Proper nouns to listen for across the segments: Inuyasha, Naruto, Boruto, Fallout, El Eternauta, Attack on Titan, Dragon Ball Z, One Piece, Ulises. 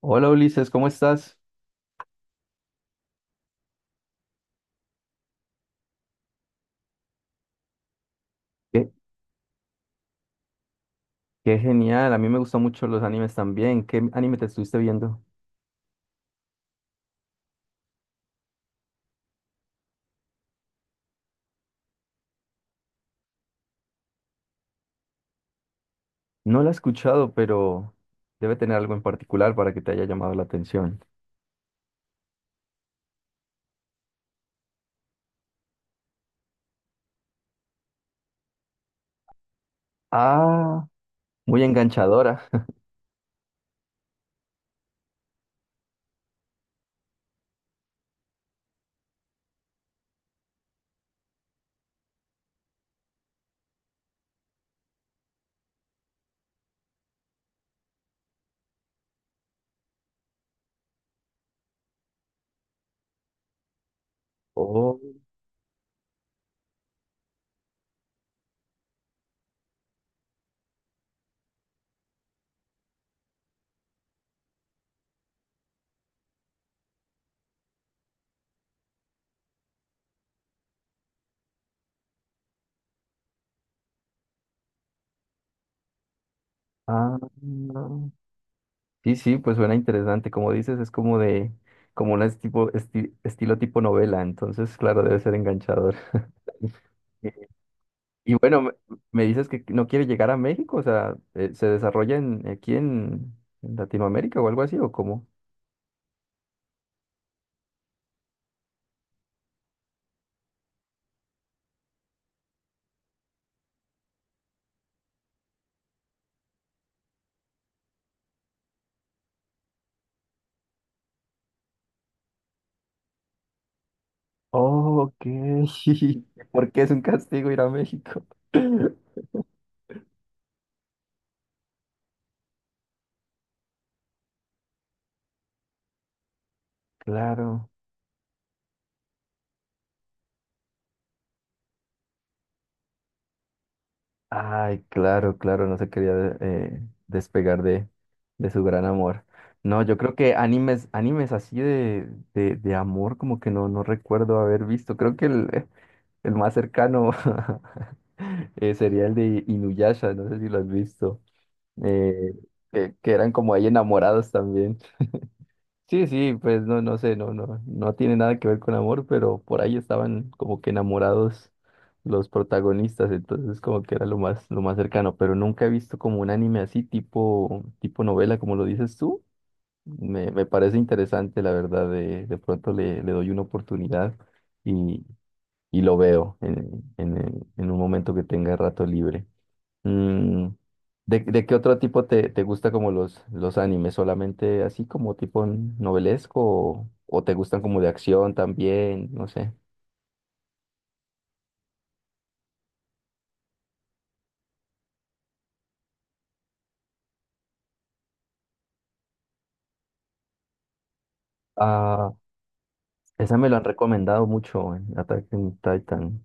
Hola Ulises, ¿cómo estás? Qué, qué genial, a mí me gustan mucho los animes también. ¿Qué anime te estuviste viendo? No lo he escuchado, pero debe tener algo en particular para que te haya llamado la atención. Ah, muy enganchadora. Oh, ah, sí, sí, pues suena interesante. Como dices, es como un estilo tipo novela, entonces, claro, debe ser enganchador. Y bueno, me, me dices que no quiere llegar a México, o sea, ¿se aquí en Latinoamérica o algo así o cómo? Ok, porque es un castigo ir a México. Claro, ay, claro, claro, no se quería despegar de su gran amor. No, yo creo que animes así de amor como que no, no recuerdo haber visto. Creo que el más cercano sería el de Inuyasha, no sé si lo has visto. eh, que eran como ahí enamorados también. Sí, sí, pues no, no sé, no, no, no tiene nada que ver con amor, pero por ahí estaban como que enamorados los protagonistas, entonces como que era lo más cercano, pero nunca he visto como un anime así, tipo novela, como lo dices tú. Me parece interesante, la verdad, de pronto le doy una oportunidad y, y lo veo en un momento que tenga rato libre. Mm, de qué otro tipo te gusta como los animes? ¿Solamente así como tipo novelesco o te gustan como de acción también? No sé. Ah, esa me lo han recomendado mucho en Attack on Titan,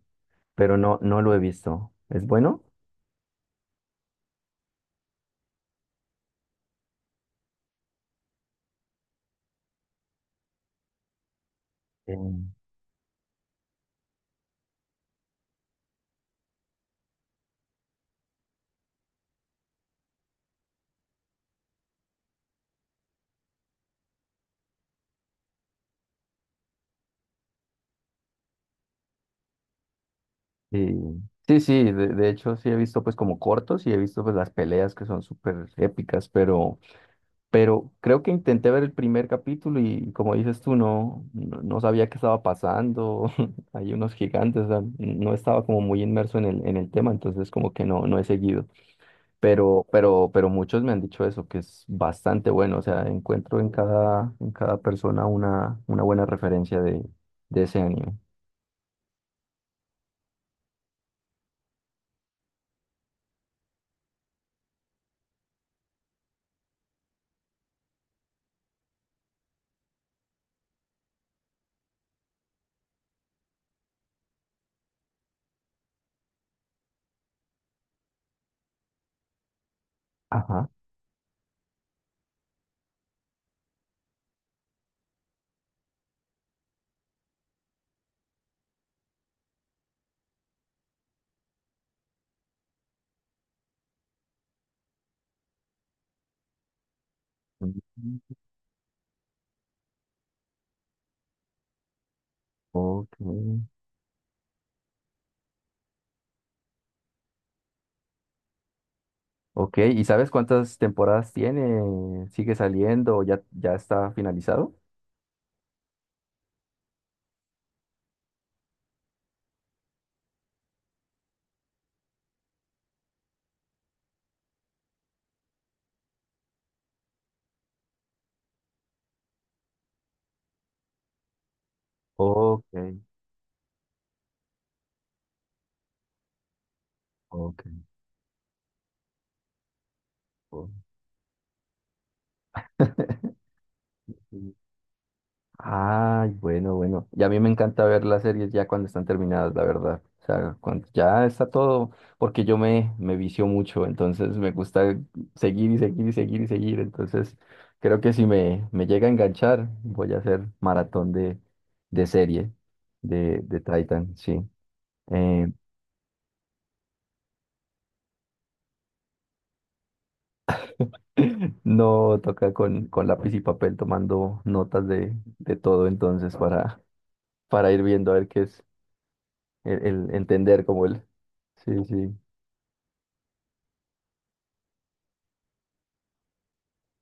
pero no, no lo he visto. ¿Es bueno? Em, Sí, sí, sí, de hecho sí he visto pues como cortos y he visto pues las peleas que son súper épicas, pero... Pero creo que intenté ver el primer capítulo y como dices tú, no, no, no sabía qué estaba pasando. Hay unos gigantes, o sea, no estaba como muy inmerso en el tema, entonces como que no, no he seguido. Pero muchos me han dicho eso, que es bastante bueno. O sea, encuentro en cada persona una buena referencia de ese anime. Ajá. Mm. Ok. Ok, ¿y sabes cuántas temporadas tiene? ¿Sigue saliendo? ¿Ya, ya está finalizado? Ok. Ok. Ok. Ay, bueno, bueno. Y a mí me encanta ver las series ya cuando están terminadas, la verdad. O sea, cuando ya está todo, porque yo me vicio mucho, entonces me gusta seguir y seguir y seguir y seguir. Entonces, creo que si me llega a enganchar, voy a hacer maratón de serie de Titan, sí. Eh, no toca con lápiz y papel tomando notas de todo entonces para ir viendo a ver qué es el entender como el... Sí, sí.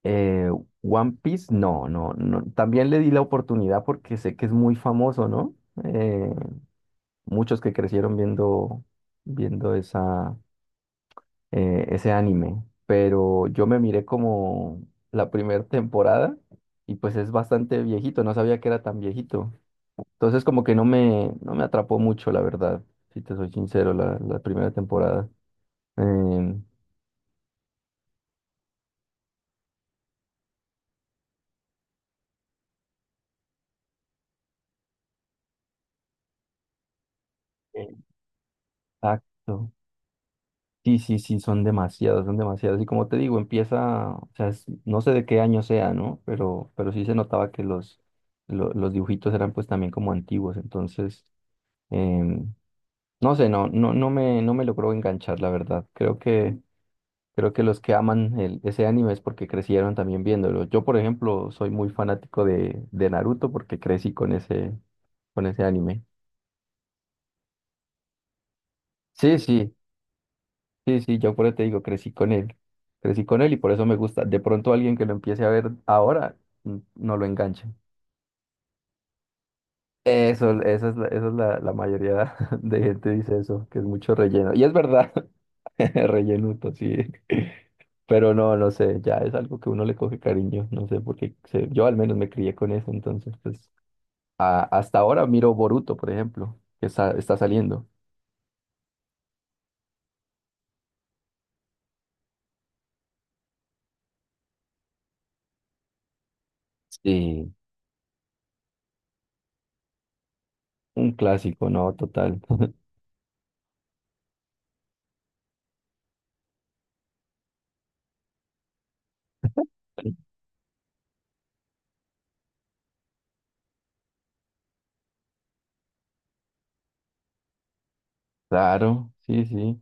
Eh, One Piece, no, no, no. También le di la oportunidad porque sé que es muy famoso, ¿no? Eh, muchos que crecieron viendo ese anime. Pero yo me miré como la primera temporada y pues es bastante viejito, no sabía que era tan viejito. Entonces como que no no me atrapó mucho, la verdad, si te soy sincero, la primera temporada. Em, Exacto. Sí, sí, sí, son demasiados, son demasiados. Y como te digo, empieza, o sea, es- no sé de qué año sea, ¿no? Pero sí se notaba que los dibujitos eran pues también como antiguos. Entonces, em, no sé, no, no, no me, no me logró enganchar, la verdad. Creo que los que aman ese anime es porque crecieron también viéndolo. Yo, por ejemplo, soy muy fanático de Naruto porque crecí con ese anime. Sí, sí. Sí, sí, yo por eso te digo, crecí con él y por eso me gusta. De pronto alguien que lo empiece a ver ahora mm, no lo enganche. Eso, esa es esa es la mayoría de gente dice eso, que es mucho relleno. Y es verdad, rellenuto, sí. Pero no, no sé, ya es algo que uno le coge cariño, no sé, porque yo al menos me crié con eso, entonces pues a- hasta ahora miro Boruto, por ejemplo, que está, está saliendo. Sí. Un clásico, ¿no? Total. Claro, sí, sí.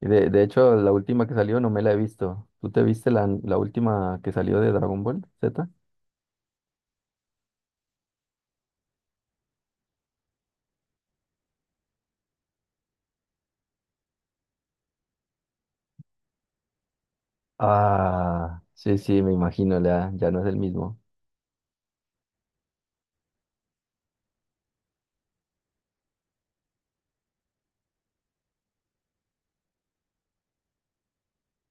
Y de hecho, la última que salió no me la he visto. ¿Tú te viste la última que salió de Dragon Ball Z? Ah, sí, sí, me imagino, ya, ya no es el mismo.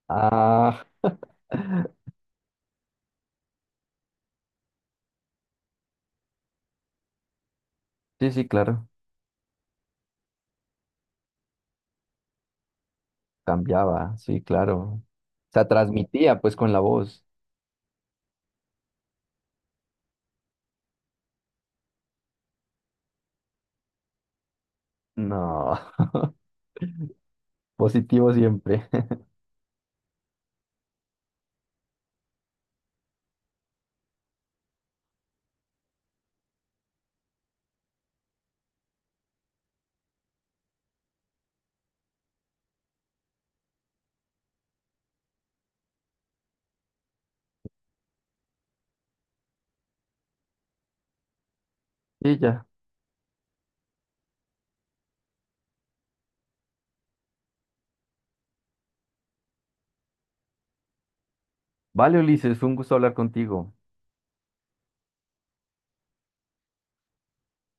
Ah, sí, sí, claro. Cambiaba, sí, claro. Se transmitía pues con la voz. No, positivo siempre. Y ya. Vale, Ulises, fue un gusto hablar contigo.